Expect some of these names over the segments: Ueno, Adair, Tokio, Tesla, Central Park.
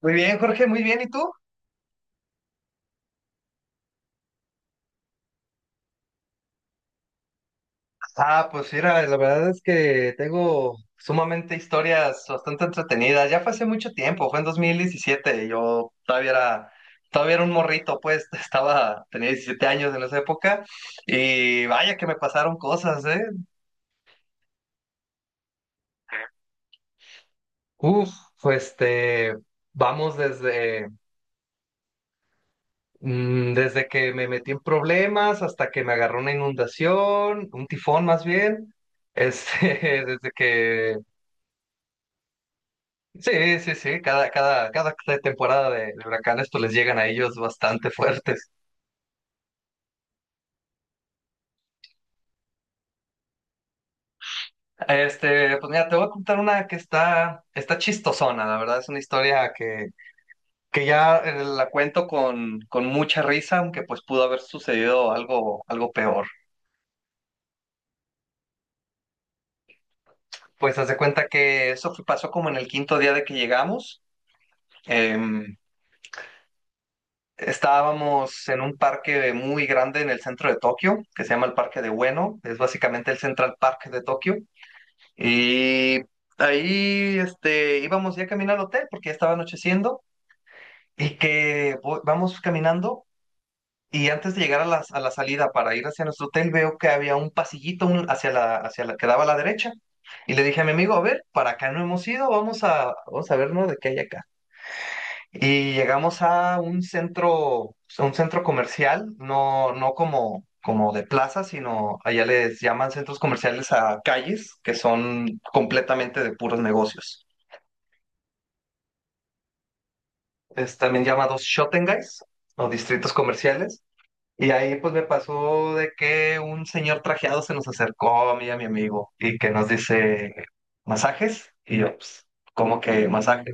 Muy bien, Jorge, muy bien. ¿Y tú? Ah, pues mira, la verdad es que tengo sumamente historias bastante entretenidas. Ya fue hace mucho tiempo, fue en 2017. Yo todavía era un morrito, pues tenía 17 años en esa época. Y vaya que me pasaron cosas, ¿eh? Uf, pues vamos desde, desde que me metí en problemas hasta que me agarró una inundación, un tifón más bien. Este, desde que. Sí, sí, sí, cada temporada de huracanes pues les llegan a ellos bastante fuertes. Pues mira, te voy a contar una que está chistosona, la verdad es una historia que ya la cuento con mucha risa, aunque pues pudo haber sucedido algo, algo peor. Pues haz de cuenta que eso pasó como en el quinto día de que llegamos. Em, estábamos en un parque muy grande en el centro de Tokio, que se llama el Parque de Ueno, es básicamente el Central Park de Tokio. Y ahí íbamos ya camino al hotel porque ya estaba anocheciendo y que vamos caminando y antes de llegar a la salida para ir hacia nuestro hotel veo que había un pasillito que daba a la derecha. Y le dije a mi amigo, a ver, para acá no hemos ido, vamos a ver, ¿no? De qué hay acá. Y llegamos a un centro comercial, no, no como de plaza, sino allá les llaman centros comerciales a calles que son completamente de puros negocios. Es también llamados Guys o distritos comerciales. Y ahí pues me pasó de que un señor trajeado se nos acercó a mí y a mi amigo y que nos dice masajes. Y yo, pues, ¿cómo que masajes?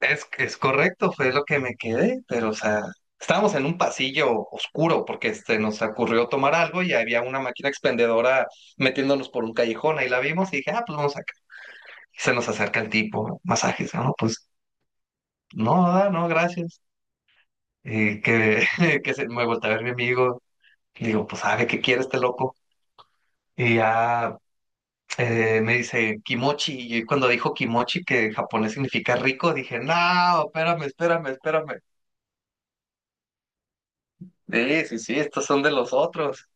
Es correcto, fue lo que me quedé, pero o sea, estábamos en un pasillo oscuro porque nos ocurrió tomar algo y había una máquina expendedora metiéndonos por un callejón, ahí la vimos y dije, ah, pues vamos acá. Y se nos acerca el tipo, masajes, no, pues no, ah, no, gracias. Y que, me voltea a ver mi amigo, y digo, pues sabe qué quiere este loco. Y ya me dice kimochi, y cuando dijo kimochi, que en japonés significa rico, dije, no, espérame, espérame, espérame. Sí, sí, sí, estos son de los otros.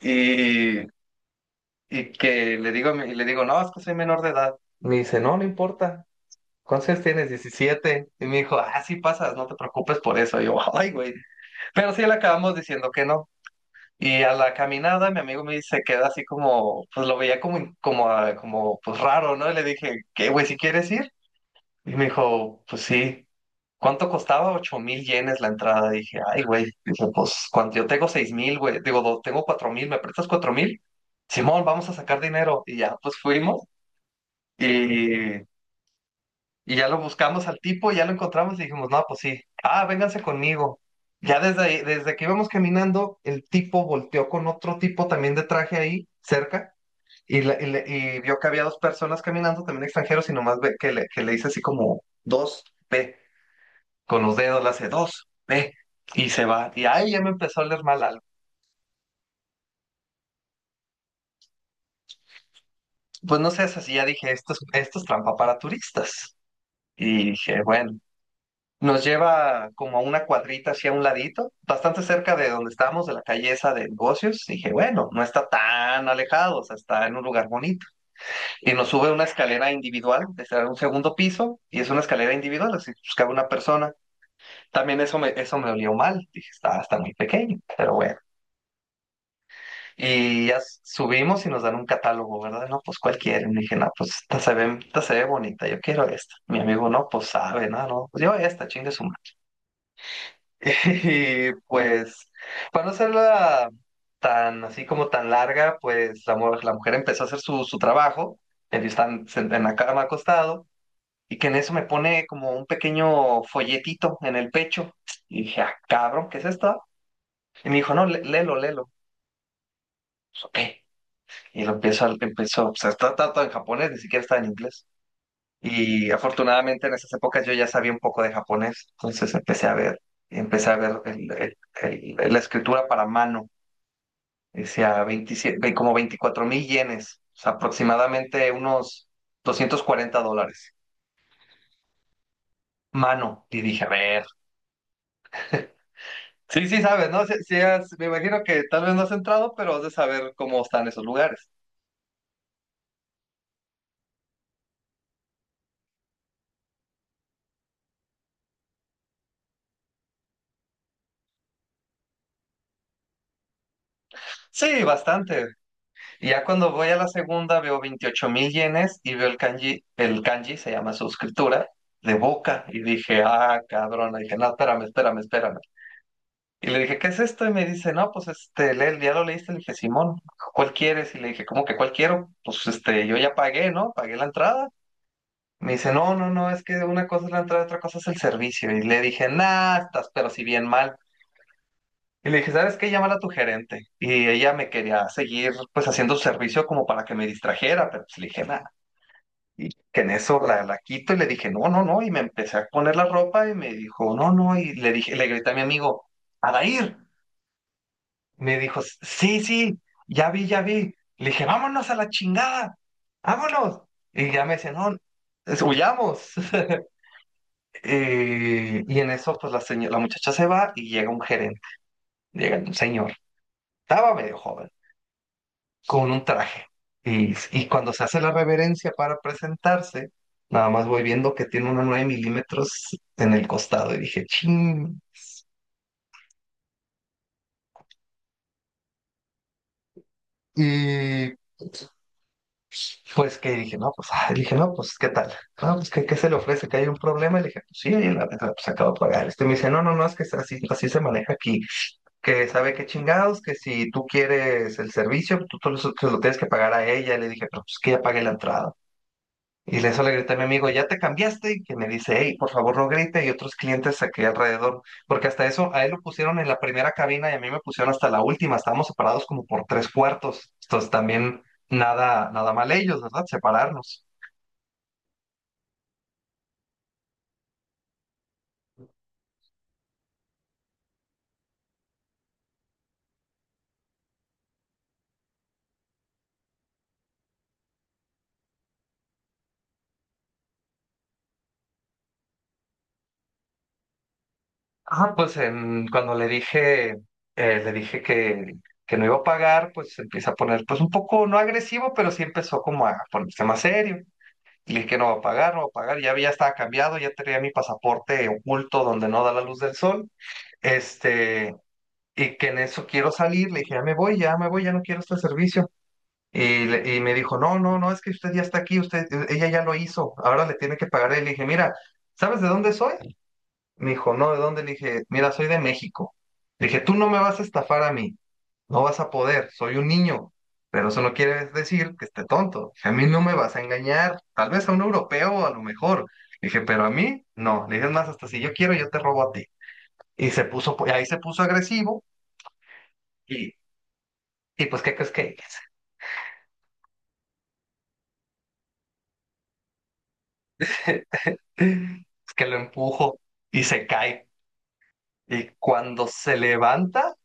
Y, y que le digo, y le digo, no, es que soy menor de edad. Me dice, no, no importa. ¿Cuántos años tienes? 17. Y me dijo, ah, sí pasas, no te preocupes por eso. Y yo, ay, güey. Pero sí le acabamos diciendo que no. Y a la caminada, mi amigo me dice, queda así como, pues lo veía como, como, como, pues raro, ¿no? Y le dije, ¿qué, güey, si quieres ir? Y me dijo, pues sí. ¿Cuánto costaba? 8,000 yenes la entrada. Dije, ay, güey. Dije, pues, cuando yo tengo 6,000, güey. Digo, tengo 4,000, ¿me prestas 4,000? Simón, vamos a sacar dinero. Y ya, pues fuimos. Y, y ya lo buscamos al tipo, ya lo encontramos y dijimos, no, pues sí. Ah, vénganse conmigo. Ya desde ahí, desde que íbamos caminando, el tipo volteó con otro tipo también de traje ahí, cerca. Y vio que había dos personas caminando, también extranjeros, y nomás ve que le hice así como dos con los dedos, le hace dos, ve, y se va. Y ahí ya me empezó a oler mal algo. Pues no sé, así ya dije, esto es trampa para turistas. Y dije, bueno, nos lleva como a una cuadrita hacia un ladito, bastante cerca de donde estábamos, de la calle esa de negocios. Dije, bueno, no está tan alejado, o sea, está en un lugar bonito. Y nos sube una escalera individual, está en un segundo piso, y es una escalera individual, así pues cabe una persona. También eso me olió mal, dije, está muy pequeño, pero bueno. Y ya subimos y nos dan un catálogo, ¿verdad? No, pues cualquiera. Y dije, no, pues esta se ve bonita, yo quiero esta. Mi amigo, no, pues sabe, no, no, pues yo esta, chingue su madre. Y pues, para no hacerla tan así como tan larga, pues la mujer empezó a hacer su trabajo. Ellos están en la cama acostado. Y que en eso me pone como un pequeño folletito en el pecho. Y dije, ah, cabrón, ¿qué es esto? Y me dijo, no, léelo, léelo. Pues, ok. Y empiezo, o sea, está todo en japonés, ni siquiera está en inglés. Y afortunadamente en esas épocas yo ya sabía un poco de japonés, entonces empecé a ver la escritura para mano, decía 27, como 24,000 yenes, o sea, aproximadamente unos $240. Mano, y dije, a ver. Sí, sí, sabes, ¿no? Sí, sí me imagino que tal vez no has entrado, pero has de saber cómo están esos lugares. Sí, bastante. Y ya cuando voy a la segunda veo 28 mil yenes y veo el kanji se llama suscriptura, de boca. Y dije, ah, cabrón. Le dije, no, espérame, espérame, espérame. Y le dije, ¿qué es esto? Y me dice, no, pues ya lo leíste. Le dije, Simón, ¿cuál quieres? Y le dije, ¿cómo que cuál quiero? Pues yo ya pagué, ¿no? Pagué la entrada. Me dice, no, no, no, es que una cosa es la entrada, otra cosa es el servicio. Y le dije, nah, estás pero si bien mal. Y le dije, ¿sabes qué? Llámala a tu gerente. Y ella me quería seguir, pues, haciendo su servicio como para que me distrajera, pero pues le dije, nada. Y que en eso la quito y le dije, no, no, no. Y me empecé a poner la ropa y me dijo, no, no. Y le dije, le grité a mi amigo, Adair. Me dijo, sí, sí, ya vi, ya vi. Le dije, vámonos a la chingada, vámonos. Y ya me decía, no, huyamos. Y en eso, pues, la muchacha se va y llega un gerente, llega un señor. Estaba medio joven, con un traje. Y cuando se hace la reverencia para presentarse, nada más voy viendo que tiene una 9 mm en el costado y dije, ching. Y pues que dije, no, pues, ah, dije, no, pues, ¿qué tal? No, pues, ¿qué se le ofrece? ¿Que hay un problema? Y le dije, pues sí, ahí en la mesa, pues acabo de pagar. Este me dice, no, no, no, es que es así, así se maneja aquí. Que sabe qué chingados, que si tú quieres el servicio, tú lo tienes que pagar a ella. Y le dije, pero pues que ya pagué la entrada. Y eso le grité a mi amigo, ¿ya te cambiaste? Y que me dice, hey, por favor no grite. Y otros clientes aquí alrededor, porque hasta eso a él lo pusieron en la primera cabina y a mí me pusieron hasta la última. Estábamos separados como por tres cuartos. Entonces también nada, nada mal ellos, ¿verdad? Separarnos. Ah, pues cuando le dije que no iba a pagar, pues se empieza a poner, pues un poco, no agresivo, pero sí empezó como a ponerse más serio. Y le dije que no va a pagar, no va a pagar. Ya, ya estaba cambiado, ya tenía mi pasaporte oculto donde no da la luz del sol. Este, y que en eso quiero salir, le dije, ya me voy, ya me voy, ya no quiero este servicio. Y me dijo, no, no, no, es que usted ya está aquí, usted, ella ya lo hizo, ahora le tiene que pagar. Y le dije, mira, ¿sabes de dónde soy? Me dijo, no, ¿de dónde? Le dije, mira, soy de México. Le dije, tú no me vas a estafar a mí, no vas a poder, soy un niño, pero eso no quiere decir que esté tonto. A mí no me vas a engañar, tal vez a un europeo a lo mejor. Le dije, pero a mí no. Le dije, es más, hasta si yo quiero, yo te robo a ti. Y ahí se puso agresivo. Y, y pues, ¿qué crees que hice? Es que lo empujo y se cae. Y cuando se levanta,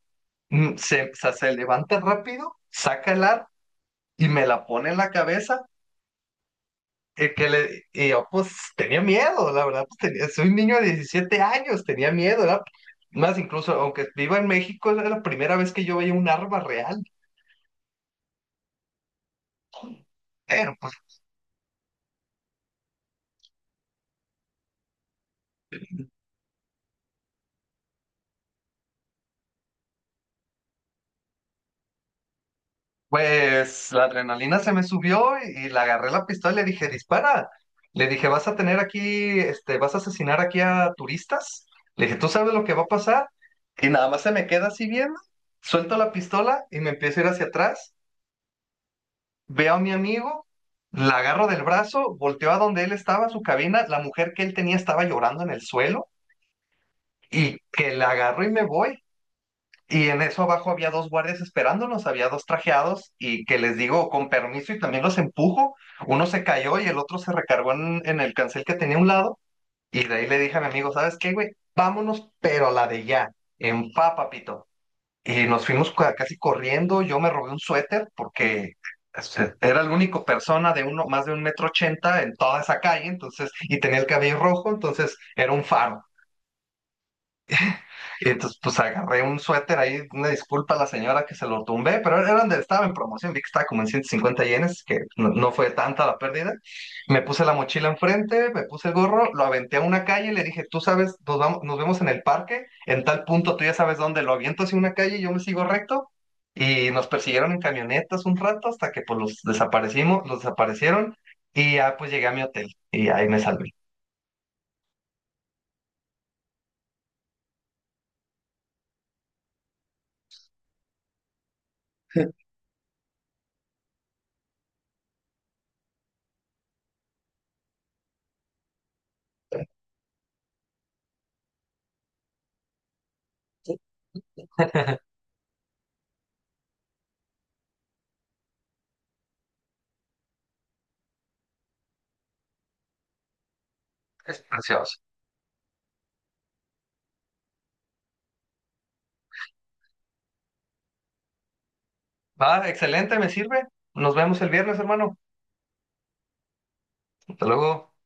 o sea, se levanta rápido, saca el ar y me la pone en la cabeza. Y yo, pues, tenía miedo, la verdad, pues, soy un niño de 17 años, tenía miedo, Más incluso, aunque viva en México, era la primera vez que yo veía un arma real. Pues la adrenalina se me subió y le agarré la pistola y le dije, dispara. Le dije, vas a tener aquí, vas a asesinar aquí a turistas. Le dije, ¿tú sabes lo que va a pasar? Y nada más se me queda así viendo. Suelto la pistola y me empiezo a ir hacia atrás. Veo a mi amigo, la agarro del brazo, volteo a donde él estaba, su cabina. La mujer que él tenía estaba llorando en el suelo y que la agarro y me voy. Y en eso abajo había dos guardias esperándonos, había dos trajeados y que les digo con permiso y también los empujo. Uno se cayó y el otro se recargó en el cancel que tenía a un lado. Y de ahí le dije a mi amigo, ¿sabes qué, güey? Vámonos, pero a la de ya, papito. Y nos fuimos casi corriendo. Yo me robé un suéter porque era la única persona más de 1.80 m en toda esa calle, entonces, y tenía el cabello rojo, entonces era un faro. Y entonces, pues agarré un suéter ahí, una disculpa a la señora que se lo tumbé, pero era donde estaba en promoción, vi que estaba como en 150 yenes, que no, no fue tanta la pérdida. Me puse la mochila enfrente, me puse el gorro, lo aventé a una calle y le dije, tú sabes, nos vemos en el parque, en tal punto tú ya sabes dónde, lo aviento hacia una calle y yo me sigo recto. Y nos persiguieron en camionetas un rato hasta que pues los desaparecimos, los desaparecieron y ya pues llegué a mi hotel y ahí me salvé. Es precioso. Va, excelente, me sirve. Nos vemos el viernes, hermano. Hasta luego.